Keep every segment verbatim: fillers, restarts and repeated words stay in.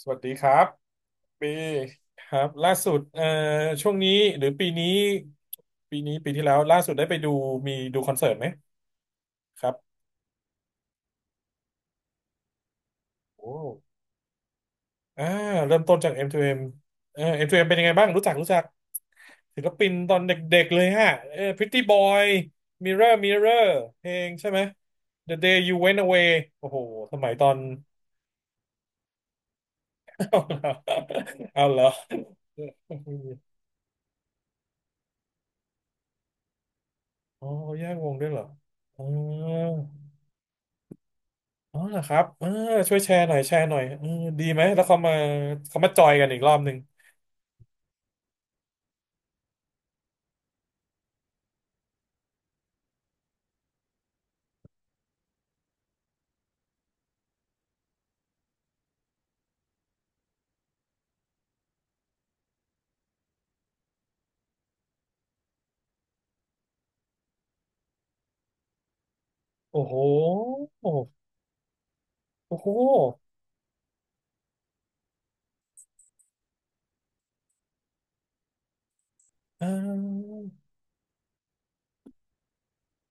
สวัสดีครับปีครับล่าสุดเอ่อช่วงนี้หรือปีนี้ปีนี้ปีที่แล้วล่าสุดได้ไปดูมีดูคอนเสิร์ตไหมครับโอ้อ่าเริ่มต้นจาก เอ็ม ทู เอ็ม เอมเอ่อ เอ็ม ทู เอ็ม เอ็มเป็นยังไงบ้างรู้จักรู้จักศิลปินตอนเด็กๆเลยฮะเอ่อ Pretty Boy Mirror Mirror เพลงใช่ไหม The Day You Went Away โอ้โหสมัยตอน เอาเหรอเอาเหรออ๋อแยกวงด้วยเหรออ๋อ อ๋อเหรอครับเออช่วยแชร์หน่อยแชร์หน่อยเออดีไหมแล้วเขามาเขามาจอยกันอีกรอบหนึ่งโอ้โหโอ้โหเออ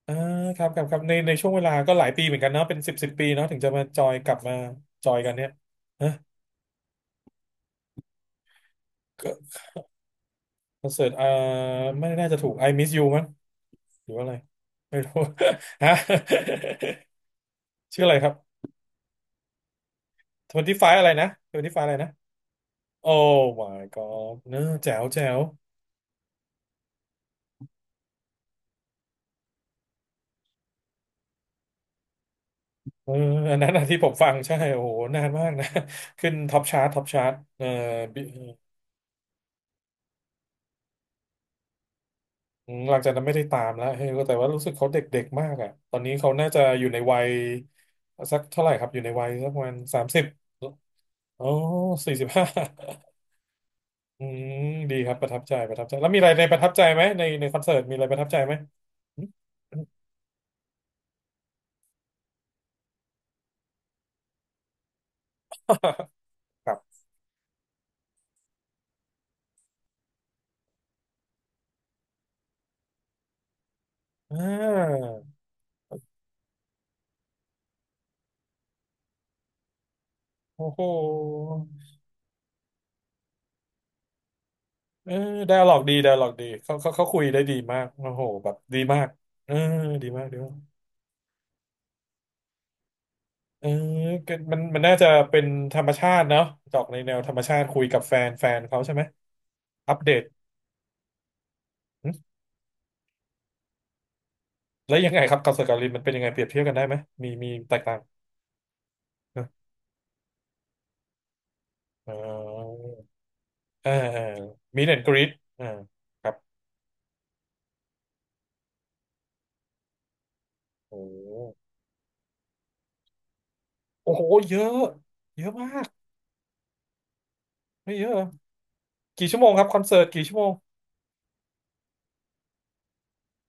เออครับครับครับในในช่วงเวลาก็หลายปีเหมือนกันเนาะเป็นสิบสิบปีเนาะถึงจะมาจอยกลับมาจอยกันเนี่ยนะก็คอนเสิร์ตเออไม่น่าจะถูก I Miss You มั้งหรือว่าอะไรไม่รู้ ฮะชื่ออะไรครับทเวนตี้ไฟอะไรนะทเวนตี้ไฟอะไรนะโอ้ my god เนอะแจ๋วแจ๋ว เอออันนั้นอะที่ผมฟังใช่โอ้โหนานมากนะ ขึ้นท็อปชาร์ตท็อปชาร์ตเออบิอืมหลังจากนั้นไม่ได้ตามแล้วเฮ้ยแต่ว่ารู้สึกเขาเด็กๆมากอ่ะตอนนี้เขาน่าจะอยู่ในวัยสักเท่าไหร่ครับอยู่ในวัยสักประมาณสามสิบอ๋อสี่สิบห้าอืมดีครับประทับใจประทับใจแล้วมีอะไรในประทับใจไหมในในคอนเสิร์ตมีอะไรประทับใจไหม ครับอ่าโอ้โห เออไดอะล็อกดีไดอะล็อกดีเขาเขาเขาคุยได้ดีมากโอ้โหแบบดีมากเออดีมากดีมากเออก็มันมันน่าจะเป็นธรรมชาติเนาะจอกในแนวธรรมชาติคุยกับแฟนแฟนเขาใช่ไหมอัปเดตหึแล้วยังไงครับกับสกอตแลินด์มันเป็นยังไงเปรียบเทียบกันได้ไหมมีมีแตกต่างนะเออเออมีเดนกรีดอ่าครับโอ้โหโอ้โหเยอะ เยอะมาก ไม่เยอะเหรอกี่ชั่วโมงครับคอนเสิร์ตกี่ชั่วโมง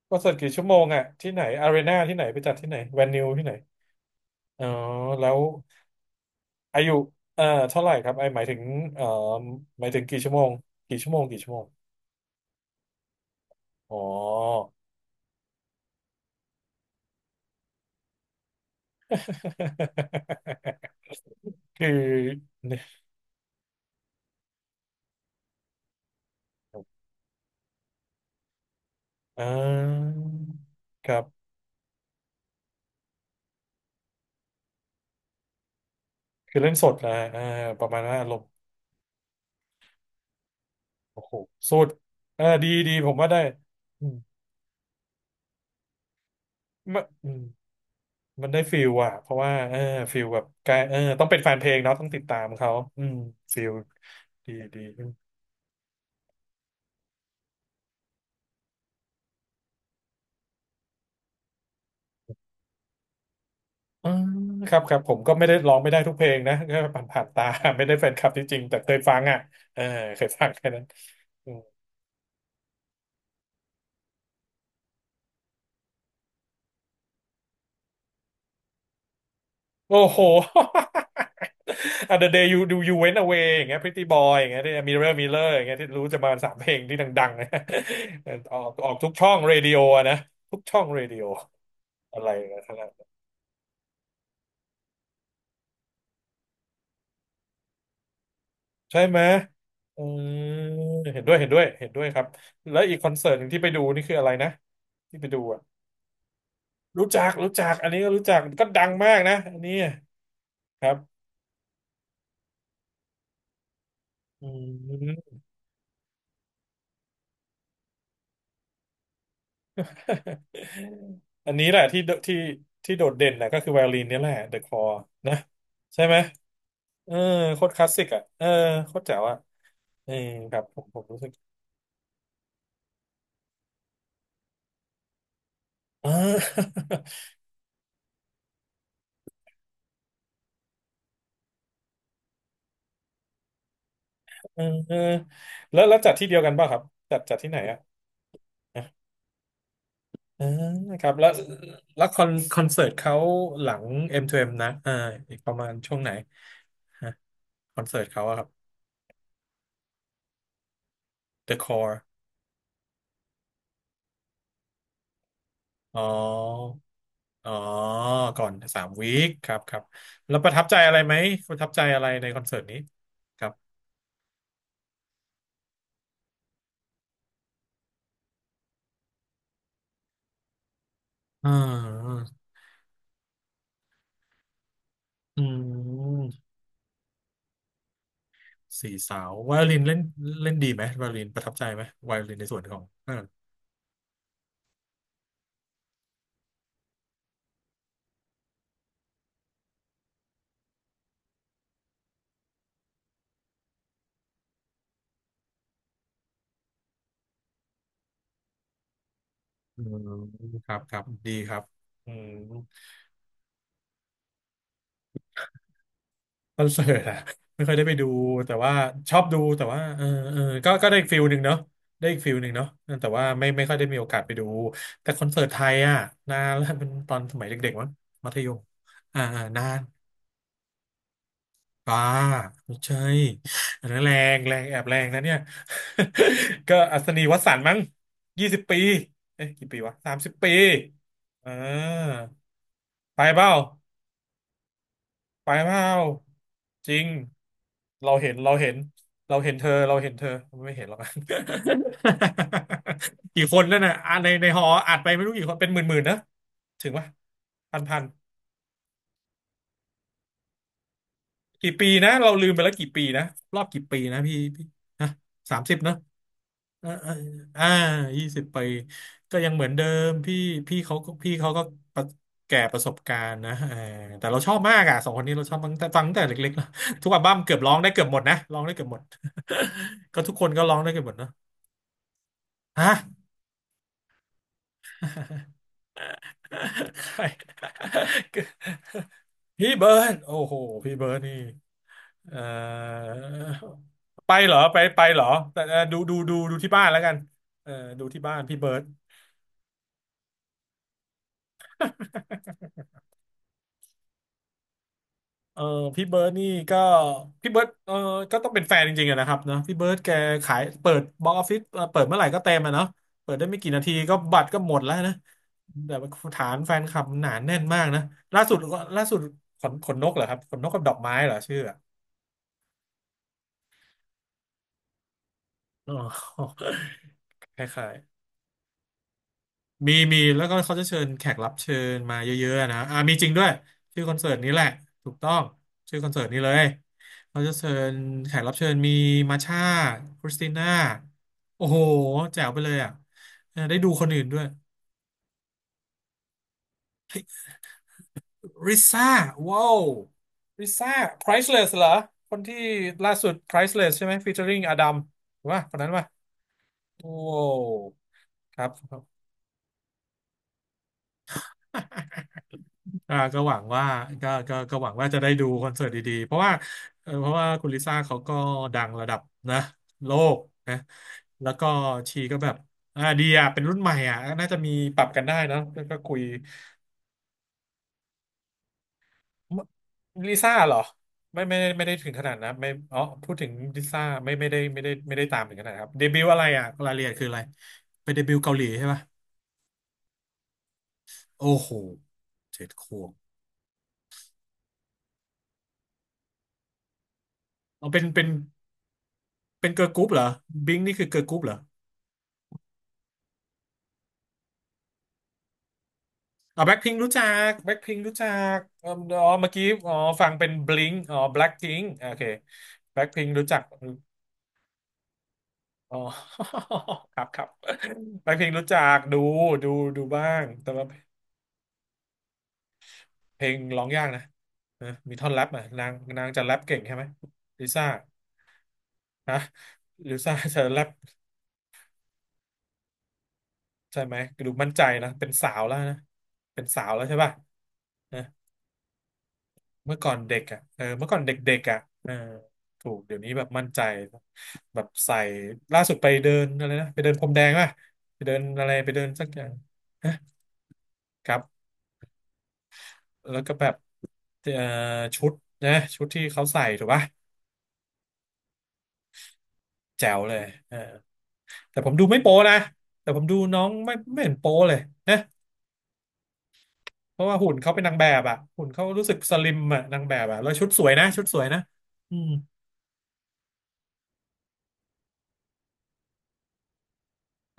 คอนเสิร์ตกี่ชั่วโมงอ่ะที่ไหนอารีนาที่ไหนไปจัดที่ไหนแวนิวที่ไหน อ๋อแล้วอายุเอ่อเท่าไหร่ครับไอหมายถึงเอ่อหมายถึงกี่ชั่วโมงกี่ชั่วโมงกี่ชั่วโมงอ๋อ คือเนี่ยอ่าครับคือเล่นสดนะอ่าประมาณว่าอารมณ์โอ้โหสุดเออดีดีผมว่าได้อืมมันอืมมันได้ฟิลอ่ะเพราะว่าเออฟิลแบบกายเออต้องเป็นแฟนเพลงเนาะต้องติดตามเขาอืมฟิลดีดี อืมครับครับผมก็ไม่ได้ร้องไม่ได้ทุกเพลงนะก็ผ่านผ่านตา ไม่ได้แฟนคลับที่จริงแต่เคยฟังอ่ะเออเคยฟังแค่นั้นอืมโอ้โห อ่ะ The Day You Do You Went Away อย่างเงี้ย Pretty Boy อย่างเงี้ยที่ Mirror Mirror อย่างเงี้ยที่รู้จะมาสามเพลงที่ดังๆนะ ออกออกทุกช่องเรดิโออะนะทุกช่องเรดิโออะไรนะครั้ใช่ไหมอืมเห็นด้วยเห็นด้วยเห็นด้วยครับแล้วอีกคอนเสิร์ตหนึ่งที่ไปดูนี่คืออะไรนะที่ไปดูอ่ะ รู้จักรู้จักอันนี้ก็รู้จักก็ดังมากนะอันนี้ครับอืม อันนี้แหละที่โดที่ที่โดดเด่นนะก็คือไวโอลินนี่แหละ The Call นะใช่ไหมเออโคตรคลาสสิกอ่ะเออโคตรแจ๋วอ่ะเออครับผมผมรู้สึกอ่า เออ เออแล้วแล้วจัดที่เดียวกันป่ะครับจัดจัดที่ไหนอ่ะอ่ะเออครับแล้วแล้วคอนคอนเสิร์ตเขาหลังเอ็มทูเอ็มนะอ่าอีกประมาณช่วงไหนฮะคอนเสิร์ตเขาอะครับ The Core อ๋ออ๋อก่อนสามวีคครับครับแล้วประทับใจอะไรไหมประทับใจอะไรในคอนเสิร์ตนี้ครับอ่าอืมสี่สาวไวโอลินเล่นเล่นดีไหมไวโอลินประทับใจไหมไวโอลินในส่วนของเอออืมครับครับดีครับอืม คอนเสิร์ตอะ ไม่ค่อยได้ไปดูแต่ว่าชอบดูแต่ว่าเออเออก็ก็ได้อีกฟิลหนึ่งเนาะได้อีกฟิลหนึ่งเนาะแต่ว่าไม่ไม่ค่อยได้มีโอกาสไปดูแต่คอนเสิร์ตไทยอะนานแล้วเป็นตอนสมัยเด็กๆมั้งมัธยมอ่าอ่านานป้าไม่ใช่อันนั้นแรงแรงแอบแรงนะเนี่ย ก็อัศนีวสันต์มั้งยี่สิบปีเอ๊ะกี่ปีวะสามสิบปีอ่าไปเปล่า ไปเปล่าจริงเราเห็นเราเห็นเราเห็นเธอเราเห็นเธอไม่เห็นหรอก กี่คนนั่นน่ะอ่ะในในหออัดไปไม่รู้กี่คนเป็นหมื่นๆนะถึงปะพันพันกี่ปีนะเราลืมไปแล้วกี่ปีนะรอบกี่ปีนะพี่พี่ฮะสามสิบเนอะ อ่าอ่าอ่ายี่สิบปีก็ยังเหมือนเดิมพี่พี่เขาก็พี่เขาก็ประแก่ประสบการณ์นะเออแต่เราชอบมากอ่ะสองคนนี้เราชอบฟังแต่ฟังตั้งแต่เล็กๆแล้วทุกอัลบั้มเกือบร้องได้เกือบหมดนะร้องได้เกือบหมด ก็ทุกคนก็ร้องได้เกือบหมดเนาะฮะ ใครพี่เบิร์ดโอ้โหพี่เบิร์ดนี่เอ่อไปเหรอไปไปเหรอแต่เอ่อดูดูดูดูที่บ้านแล้วกันเออดูที่บ้านพี่เบิร์ด เออพี่เบิร์ดนี่ก็พี่เบิร์ดเออก็ต้องเป็นแฟนจริงๆอะนะครับเนอะพี่เบิร์ดแกขายเปิดบ็อกซ์ออฟฟิศเอ่อเปิดเมื่อไหร่ก็เต็มอะเนาะเปิดได้ไม่กี่นาทีก็บัตรก็หมดแล้วนะแต่ว่าฐานแฟนคลับหนาแน่นมากนะล่าสุดก็ล่าสุดขนขนนกเหรอครับขนนกกับดอกไม้เหรอชื่ออะอ๋อ คล้ายๆ มีมีแล้วก็เขาจะเชิญแขกรับเชิญมาเยอะๆนะอ่ามีจริงด้วยชื่อคอนเสิร์ตนี้แหละถูกต้องชื่อคอนเสิร์ตนี้เลยเขาจะเชิญแขกรับเชิญมีมาช่าคริสติน่าโอ้โหแจ๋วไปเลยอ่ะเออได้ดูคนอื่นด้วยริซ่าว้าวริซ่า Priceless เหรอคนที่ล่าสุด Priceless ใช่ไหม featuring อดัมว่าคนนั้นว่าโอ้ครับ อ่าก็หวังว่าก็ก็ก็หวังว่าจะได้ดูคอนเสิร์ตดีๆ เพราะว่าเออเพราะว่าคุณลิซ่าเขาก็ดังระดับนะโลกนะแล้วก็ชีก็แบบอ่าดีอ่ะเป็นรุ่นใหม่อ่ะน่าจะมีปรับกันได้เนอะก็ก็คุยลิซ่าเหรอไม่ไม่ไม่ได้ถึงขนาดนะไม่อ๋อพูดถึงลิซ่าไม่ไม่ได้ไม่ได้ไม่ได้ตามถึงขนาดครับเดบิวต์อะไรอ่ะรายละเอียดคืออะไรไปเดบิวต์เกาหลีใช่ปหะโอ้โหเจ็ดขวบเอาเป็นเป็นเป็นเกิร์ลกรุ๊ปเหรอบิงนี่คือเกิร์ลกรุ๊ปเหรอ อ๋อแบ็คพิงรู้จักแบ็คพิงรู้จักเอออ๋อเมื่อกี้อ๋อฟังเป็นบลิงอ๋อแบล็คพิงโอเคแบ็คพิงรู้จักอ๋อ ครับครับแบ็คพิงรู้จักดูดูดูบ้างแต่ว่าเพลงร้องยากนะเออมีท่อนแรปอ่ะนางนางจะแรปเก่งใช่ไหมลิซ่าฮะลิซ่าจะแรปใช่ไหมดูมั่นใจนะเป็นสาวแล้วนะเป็นสาวแล้วใช่ป่ะนะเมื่อก่อนเด็กอ่ะเออเมื่อก่อนเด็กๆอ่ะเออถูกเดี๋ยวนี้แบบมั่นใจ แบบใส่ล่าสุดไปเดินอะไรนะไปเดินพรมแดงป่ะไปเดินอะไรไปเดินสักอย่างนะครับแล้วก็แบบเอ่อชุดนะชุดที่เขาใส่ถูกป่ะแจ๋วเลยเออแต่ผมดูไม่โป๊นะแต่ผมดูน้องไม่ไม่เห็นโป๊เลยนะเพราะว่าหุ่นเขาเป็นนางแบบอ่ะหุ่นเขารู้สึกสลิมอ่ะนางแบบอ่ะแล้วชุดสวยนะชุดสวยนะอืม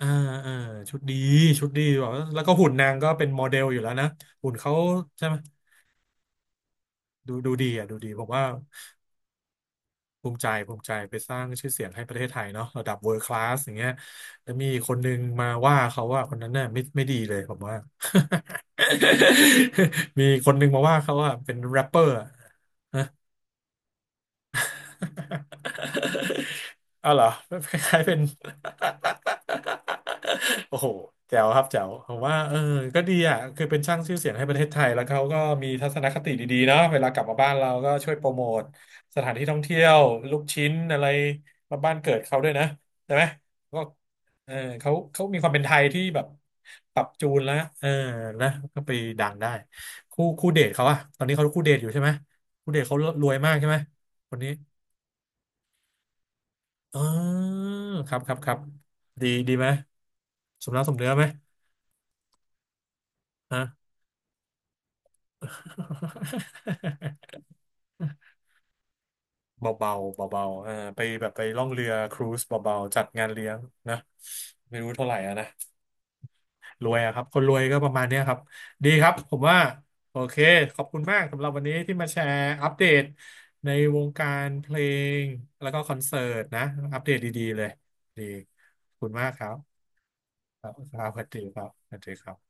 อ่าอ่าชุดดีชุดดีแบบแล้วก็หุ่นนางก็เป็นโมเดลอยู่แล้วนะหุ่นเขาใช่ไหมดูดูดีอ่ะดูดีผมว่า ภูมิใจภูมิใจไปสร้างชื่อเสียงให้ประเทศไทยเนาะระดับ world class อย่างเงี้ยแล้วมีคนนึงมาว่าเขาว่าคนนั้นน่ะไม่ไม่ดีเลยผมว่า มีคนนึงมาว่าเขาว่าเป็นแรปเปอร์ะเออ เอาเหรอคล้ายๆเป็น โอ้โหแจ๋วครับแจ๋วผมว่าเออก็ดีอ่ะคือเป็นช่างชื่อเสียงให้ประเทศไทยแล้วเขาก็มีทัศนคติดีๆเนาะเวลากลับมาบ้านเราก็ช่วยโปรโมทสถานที่ท่องเที่ยวลูกชิ้นอะไรมาบ้านเกิดเขาด้วยนะใช่ไหมก็เออเขาเขามีความเป็นไทยที่แบบปรับจูนแล้วเออนะก็ไปดังได้คู่คู่เดทเขาอะตอนนี้เขาคู่เดทอยู่ใช่ไหมคู่เดทเขารวยมากใช่ไหมคนนี้ อ๋อครับครับครับดีดีไหมสมน้ำสมเนื้อไหมฮะ เบาเบาเบาเบาๆเออไปแบบไปล่องเรือครูซเบาๆจัดงานเลี้ยงนะไม่รู้เท่าไหร่อะนะรวยอะครับคนรวยก็ประมาณเนี้ยครับดีครับผมว่าโอเคขอบคุณมากสำหรับวันนี้ที่มาแชร์อัปเดตในวงการเพลงแล้วก็คอนเสิร์ตนะอัปเดตดีๆเลยดีขอบคุณมากครับครับครับสวัสดีครับสวัสดีครับ